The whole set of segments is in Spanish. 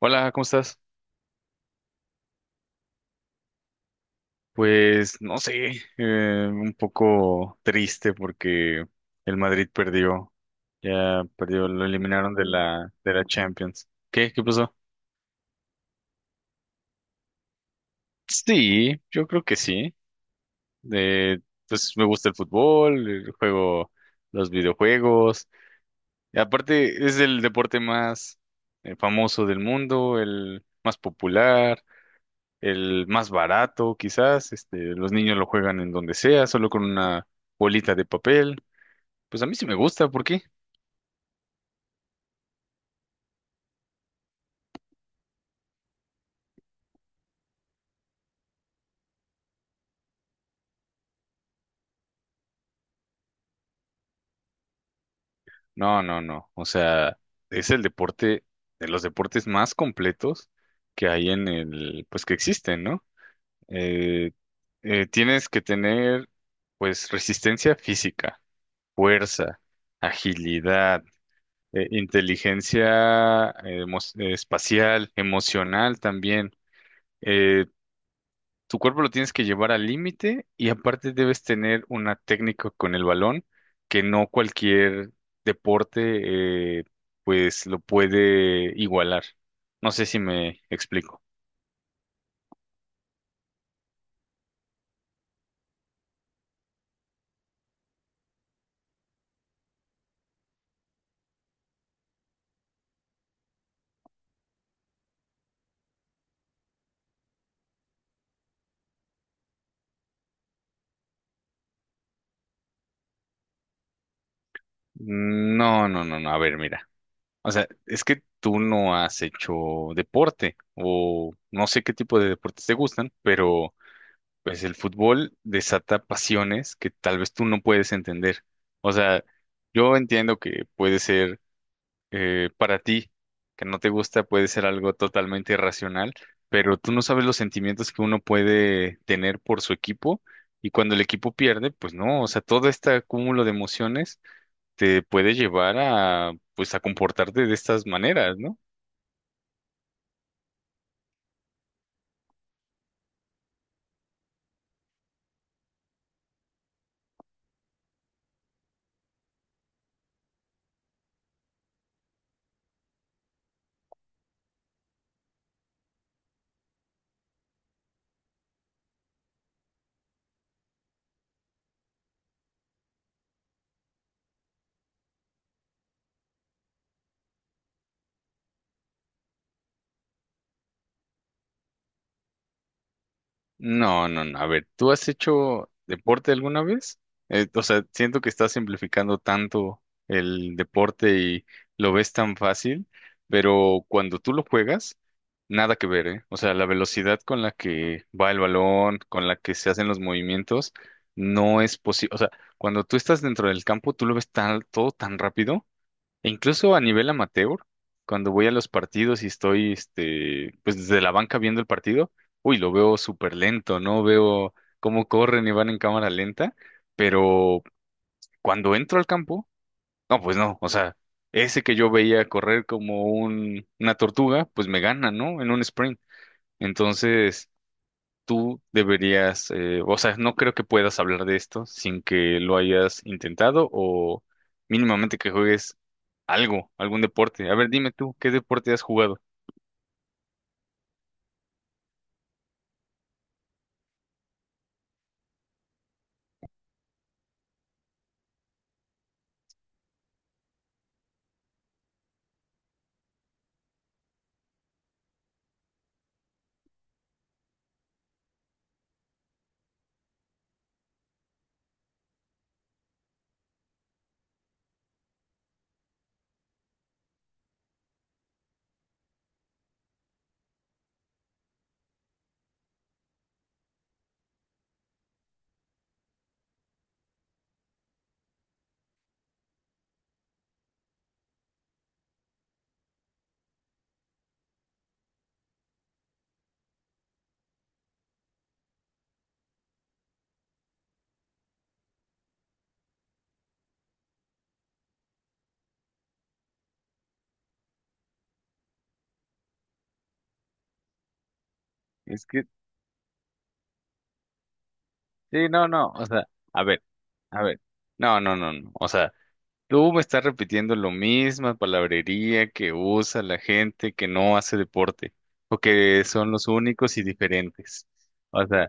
Hola, ¿cómo estás? Pues no sé, un poco triste porque el Madrid perdió, ya perdió, lo eliminaron de la Champions. ¿Qué? ¿Qué pasó? Sí, yo creo que sí. De, pues me gusta el fútbol, el juego, los videojuegos. Y aparte es el deporte más famoso del mundo, el más popular, el más barato, quizás. Este, los niños lo juegan en donde sea, solo con una bolita de papel. Pues a mí sí me gusta, ¿por qué? No, no, no. O sea, es el deporte, de los deportes más completos que hay en pues que existen, ¿no? Eh, tienes que tener, pues, resistencia física, fuerza, agilidad, inteligencia espacial, emocional también. eh, Tu cuerpo lo tienes que llevar al límite y aparte debes tener una técnica con el balón que no cualquier deporte pues lo puede igualar. No sé si me explico. No, no, no, no. A ver, mira. O sea, es que tú no has hecho deporte o no sé qué tipo de deportes te gustan, pero pues el fútbol desata pasiones que tal vez tú no puedes entender. O sea, yo entiendo que puede ser para ti, que no te gusta, puede ser algo totalmente irracional, pero tú no sabes los sentimientos que uno puede tener por su equipo y cuando el equipo pierde, pues no, o sea, todo este acúmulo de emociones te puede llevar a, pues, a comportarte de estas maneras, ¿no? No, no, no. A ver, ¿tú has hecho deporte alguna vez? O sea, siento que estás simplificando tanto el deporte y lo ves tan fácil, pero cuando tú lo juegas, nada que ver, ¿eh? O sea, la velocidad con la que va el balón, con la que se hacen los movimientos, no es posible. O sea, cuando tú estás dentro del campo, tú lo ves tan, todo tan rápido e incluso a nivel amateur, cuando voy a los partidos y estoy, este, pues desde la banca viendo el partido, uy, lo veo súper lento, ¿no? Veo cómo corren y van en cámara lenta, pero cuando entro al campo, no, pues no, o sea, ese que yo veía correr como una tortuga, pues me gana, ¿no? En un sprint. Entonces, tú deberías, o sea, no creo que puedas hablar de esto sin que lo hayas intentado o mínimamente que juegues algo, algún deporte. A ver, dime tú, ¿qué deporte has jugado? Es que, sí, no, no, o sea, a ver, a ver, no, no, no, no, o sea, tú me estás repitiendo lo misma palabrería que usa la gente que no hace deporte o que son los únicos y diferentes. O sea,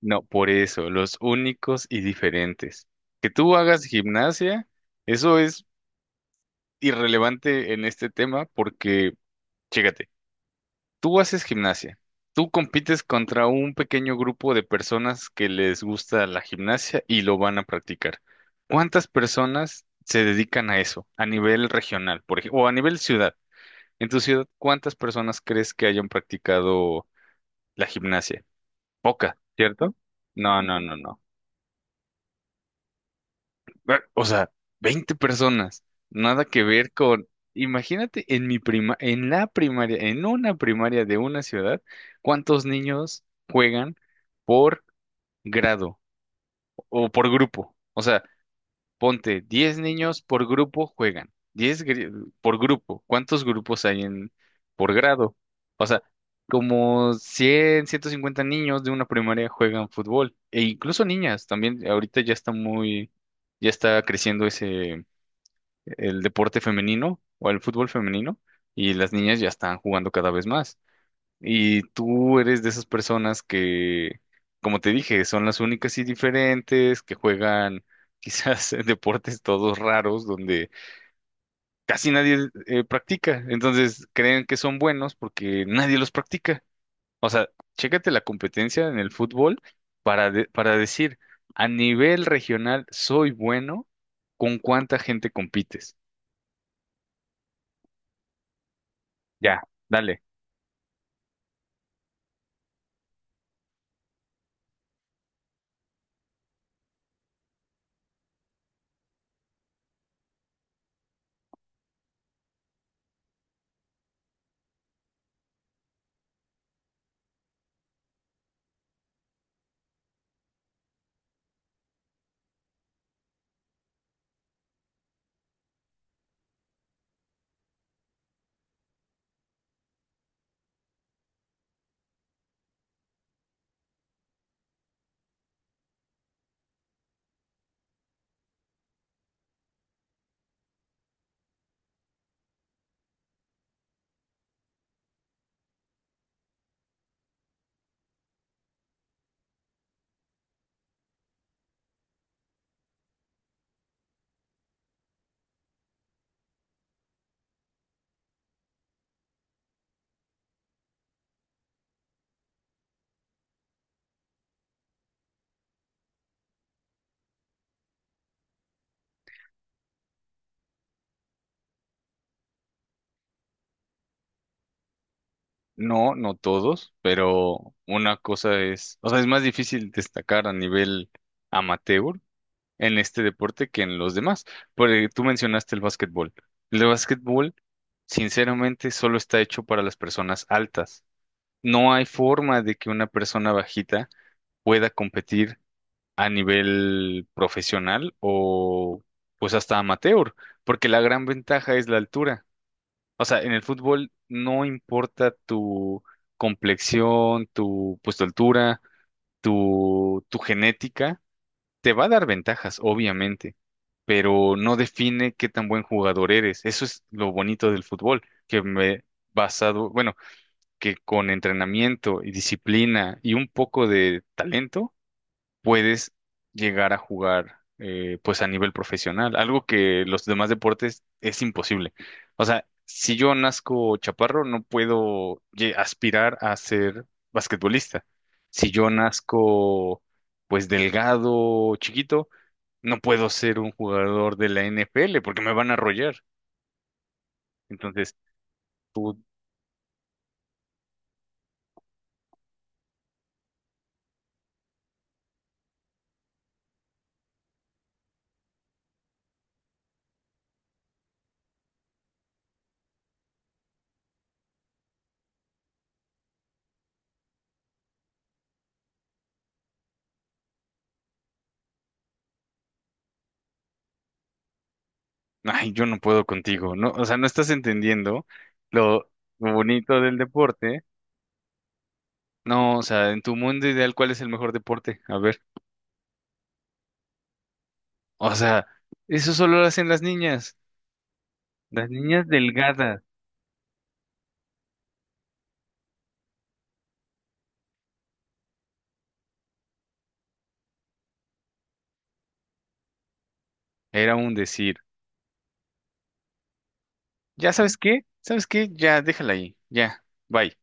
no, por eso, los únicos y diferentes. Que tú hagas gimnasia, eso es irrelevante en este tema porque, chécate, tú haces gimnasia, tú compites contra un pequeño grupo de personas que les gusta la gimnasia y lo van a practicar. ¿Cuántas personas se dedican a eso a nivel regional, por ejemplo, o a nivel ciudad? En tu ciudad, ¿cuántas personas crees que hayan practicado la gimnasia? Poca, ¿cierto? No, no, no, no. O sea, 20 personas, nada que ver con, imagínate en mi prima, en la primaria, en una primaria de una ciudad, ¿cuántos niños juegan por grado o por grupo? O sea, ponte 10 niños por grupo juegan, por grupo, ¿cuántos grupos hay en por grado? O sea, como 100, 150 niños de una primaria juegan fútbol, e incluso niñas también, ahorita ya está muy, ya está creciendo ese el deporte femenino o el fútbol femenino y las niñas ya están jugando cada vez más. Y tú eres de esas personas que, como te dije, son las únicas y diferentes, que juegan quizás deportes todos raros donde casi nadie practica. Entonces creen que son buenos porque nadie los practica. O sea, chécate la competencia en el fútbol para, para decir, a nivel regional soy bueno, ¿con cuánta gente compites? Ya, dale. No, no todos, pero una cosa es, o sea, es más difícil destacar a nivel amateur en este deporte que en los demás. Porque tú mencionaste el básquetbol. El básquetbol, sinceramente, solo está hecho para las personas altas. No hay forma de que una persona bajita pueda competir a nivel profesional o pues hasta amateur, porque la gran ventaja es la altura. O sea, en el fútbol no importa tu complexión, pues, tu altura, tu genética, te va a dar ventajas, obviamente, pero no define qué tan buen jugador eres. Eso es lo bonito del fútbol, que me basado, bueno, que con entrenamiento y disciplina y un poco de talento puedes llegar a jugar pues a nivel profesional, algo que los demás deportes es imposible. O sea, si yo nazco chaparro, no puedo aspirar a ser basquetbolista. Si yo nazco pues delgado, chiquito, no puedo ser un jugador de la NFL porque me van a arrollar. Entonces tú, ay, yo no puedo contigo, ¿no? O sea, no estás entendiendo lo bonito del deporte. No, o sea, en tu mundo ideal, ¿cuál es el mejor deporte? A ver, o sea, eso solo lo hacen las niñas delgadas, era un decir. ¿Ya sabes qué? ¿Sabes qué? Ya, déjala ahí, ya, bye.